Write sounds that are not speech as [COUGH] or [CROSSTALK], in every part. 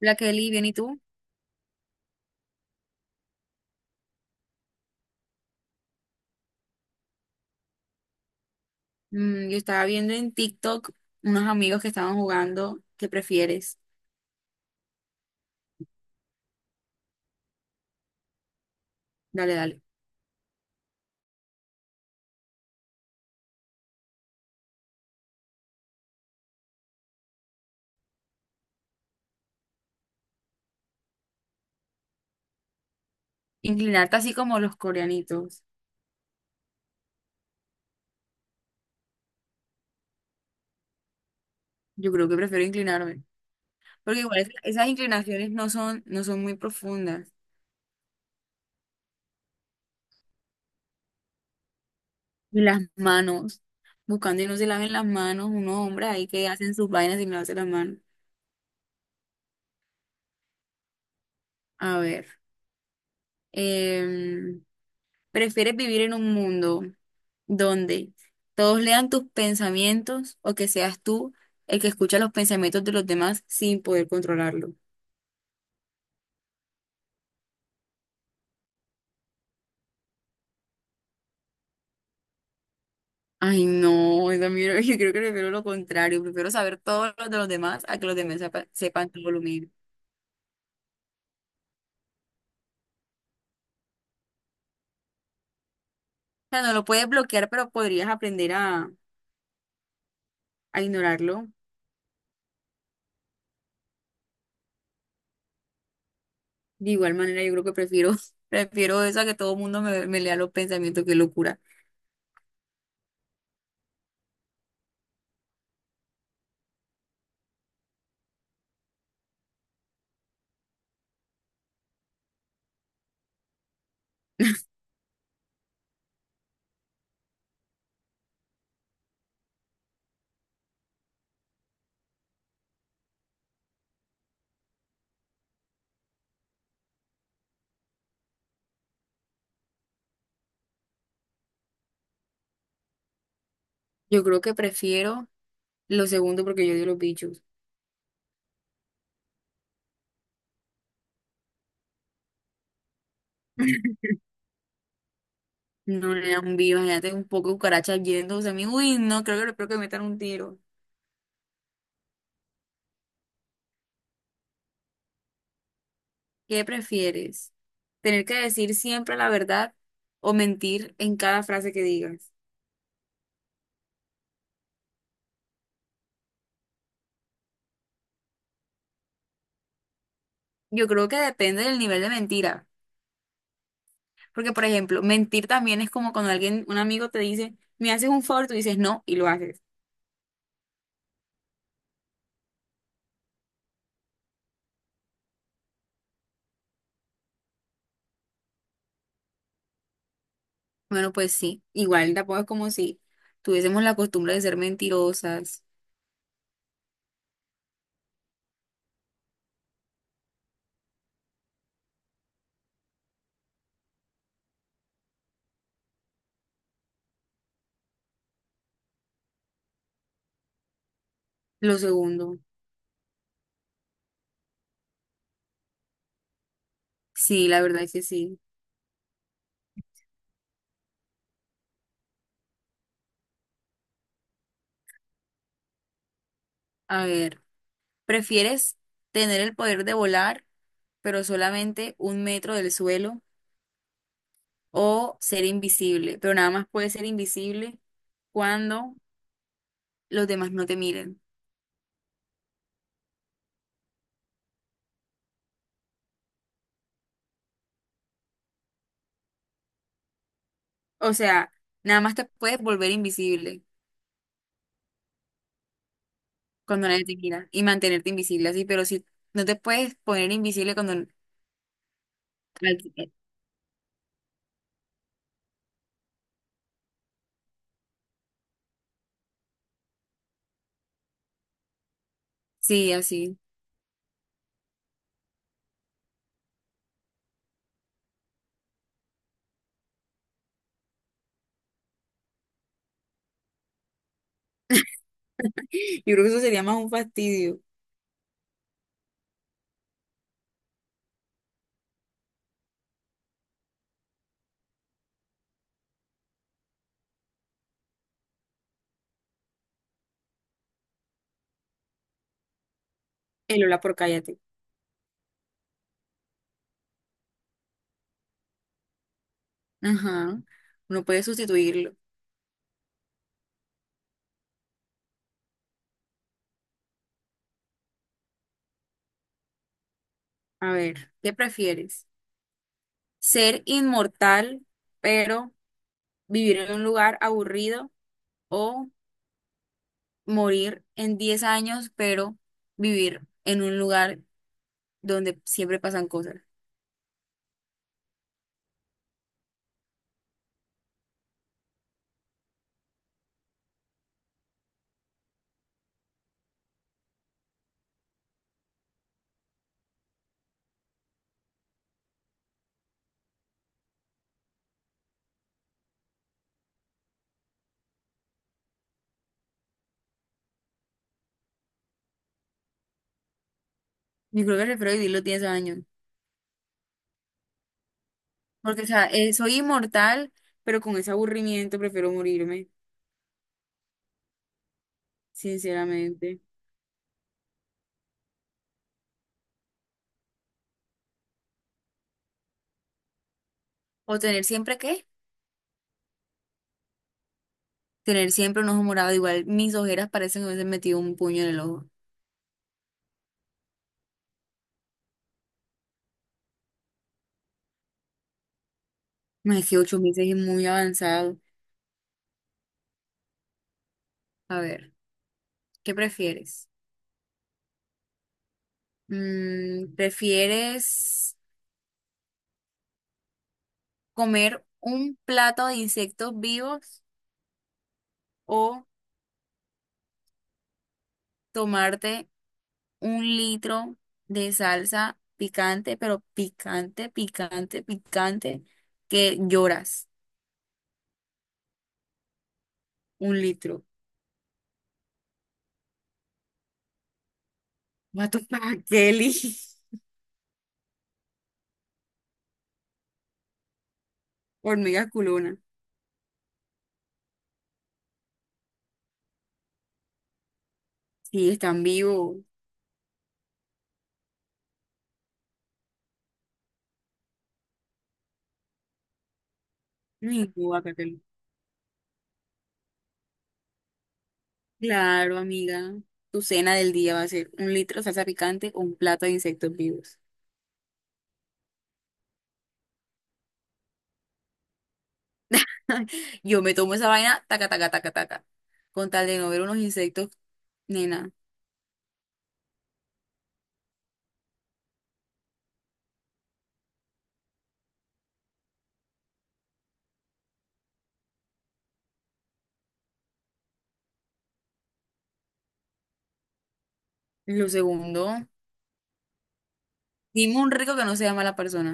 La Kelly, bien, ¿y tú? Yo estaba viendo en TikTok unos amigos que estaban jugando. ¿Qué prefieres? Dale, dale. Inclinarte así como los coreanitos. Yo creo que prefiero inclinarme. Porque igual esas inclinaciones no son muy profundas. Y las manos. Buscando y no se laven las manos. Unos hombres ahí que hacen sus vainas y no hacen las manos. A ver. em, ¿Prefieres vivir en un mundo donde todos lean tus pensamientos o que seas tú el que escucha los pensamientos de los demás sin poder controlarlo? Ay, no, esa mierda, [LAUGHS] yo creo que prefiero lo contrario, prefiero saber todo lo de los demás a que los demás sepan todo lo mío. O sea, no lo puedes bloquear, pero podrías aprender a ignorarlo. De igual manera, yo creo que prefiero, [LAUGHS] prefiero eso a que todo el mundo me lea los pensamientos, qué locura. [LAUGHS] Yo creo que prefiero lo segundo porque yo odio los bichos. No le dan viva, imagínate un poco de cucarachas yéndose a mí. Uy, no, creo que me metan un tiro. ¿Qué prefieres? ¿Tener que decir siempre la verdad o mentir en cada frase que digas? Yo creo que depende del nivel de mentira. Porque, por ejemplo, mentir también es como cuando alguien, un amigo te dice, me haces un favor, tú dices no y lo haces. Bueno, pues sí, igual tampoco es como si tuviésemos la costumbre de ser mentirosas. Lo segundo, sí, la verdad es que sí. A ver, ¿prefieres tener el poder de volar, pero solamente un metro del suelo, o ser invisible, pero nada más puedes ser invisible cuando los demás no te miren? O sea, nada más te puedes volver invisible cuando nadie te mira y mantenerte invisible así, pero si no te puedes poner invisible cuando... Sí, así. [LAUGHS] Yo creo que eso sería más un fastidio. El hola por cállate. Ajá. No puedes sustituirlo. A ver, ¿qué prefieres? ¿Ser inmortal, pero vivir en un lugar aburrido, o morir en 10 años, pero vivir en un lugar donde siempre pasan cosas? Yo creo que prefiero vivir los 10 años, porque, o sea, soy inmortal, pero con ese aburrimiento prefiero morirme, sinceramente. ¿O tener siempre, qué? Tener siempre un ojo morado, igual mis ojeras parecen que me hubiesen metido un puño en el ojo. No, es que 8 meses es muy avanzado. A ver, ¿qué prefieres? ¿Prefieres comer un plato de insectos vivos o tomarte un litro de salsa picante, pero picante, picante, picante, que lloras? Un litro. Mato para Kelly. [LAUGHS] Hormiga culona. Sí, están vivos. Ay, no, guácatelo. Claro, amiga. Tu cena del día va a ser un litro de salsa picante o un plato de insectos vivos. [LAUGHS] Yo me tomo esa vaina, taca, taca, taca, taca. Con tal de no ver unos insectos, nena. Lo segundo, dime un rico que no sea mala persona.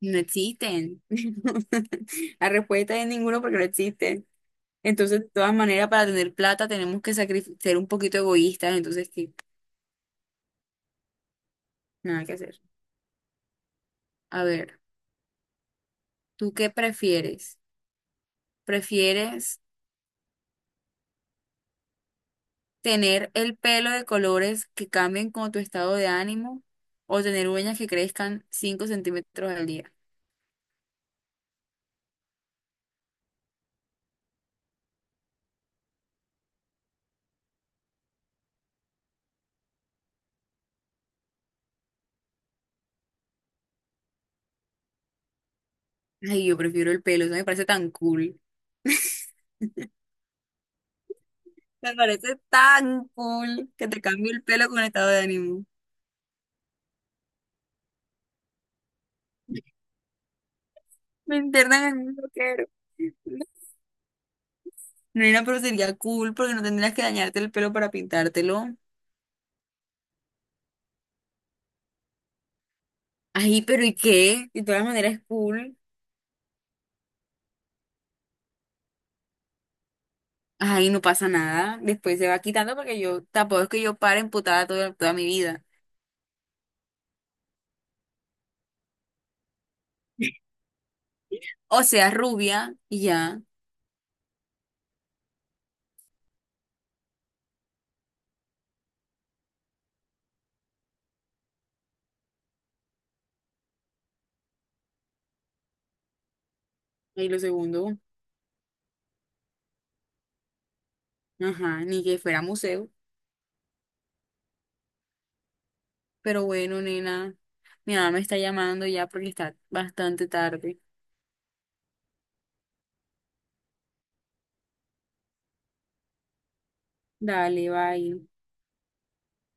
No existen. [LAUGHS] La respuesta es ninguno porque no existen. Entonces, de todas maneras, para tener plata tenemos que sacrificar, ser un poquito egoístas, entonces qué, nada que hacer. A ver, ¿tú qué prefieres? ¿Prefieres tener el pelo de colores que cambien con tu estado de ánimo o tener uñas que crezcan 5 centímetros al día? Ay, yo prefiero el pelo, eso me parece tan cool. Me parece tan cool que te cambie el pelo con estado de ánimo. Me internan en un loquero. Nena, pero sería cool porque no tendrías que dañarte el pelo para pintártelo. Ay, ¿pero y qué? De todas maneras es cool. Ay, no pasa nada. Después se va quitando porque yo tampoco es que yo pare emputada toda, toda mi vida. O sea, rubia y ya. Y lo segundo, ajá, ni que fuera museo. Pero bueno, nena, mi mamá me está llamando ya porque está bastante tarde. Dale, bye.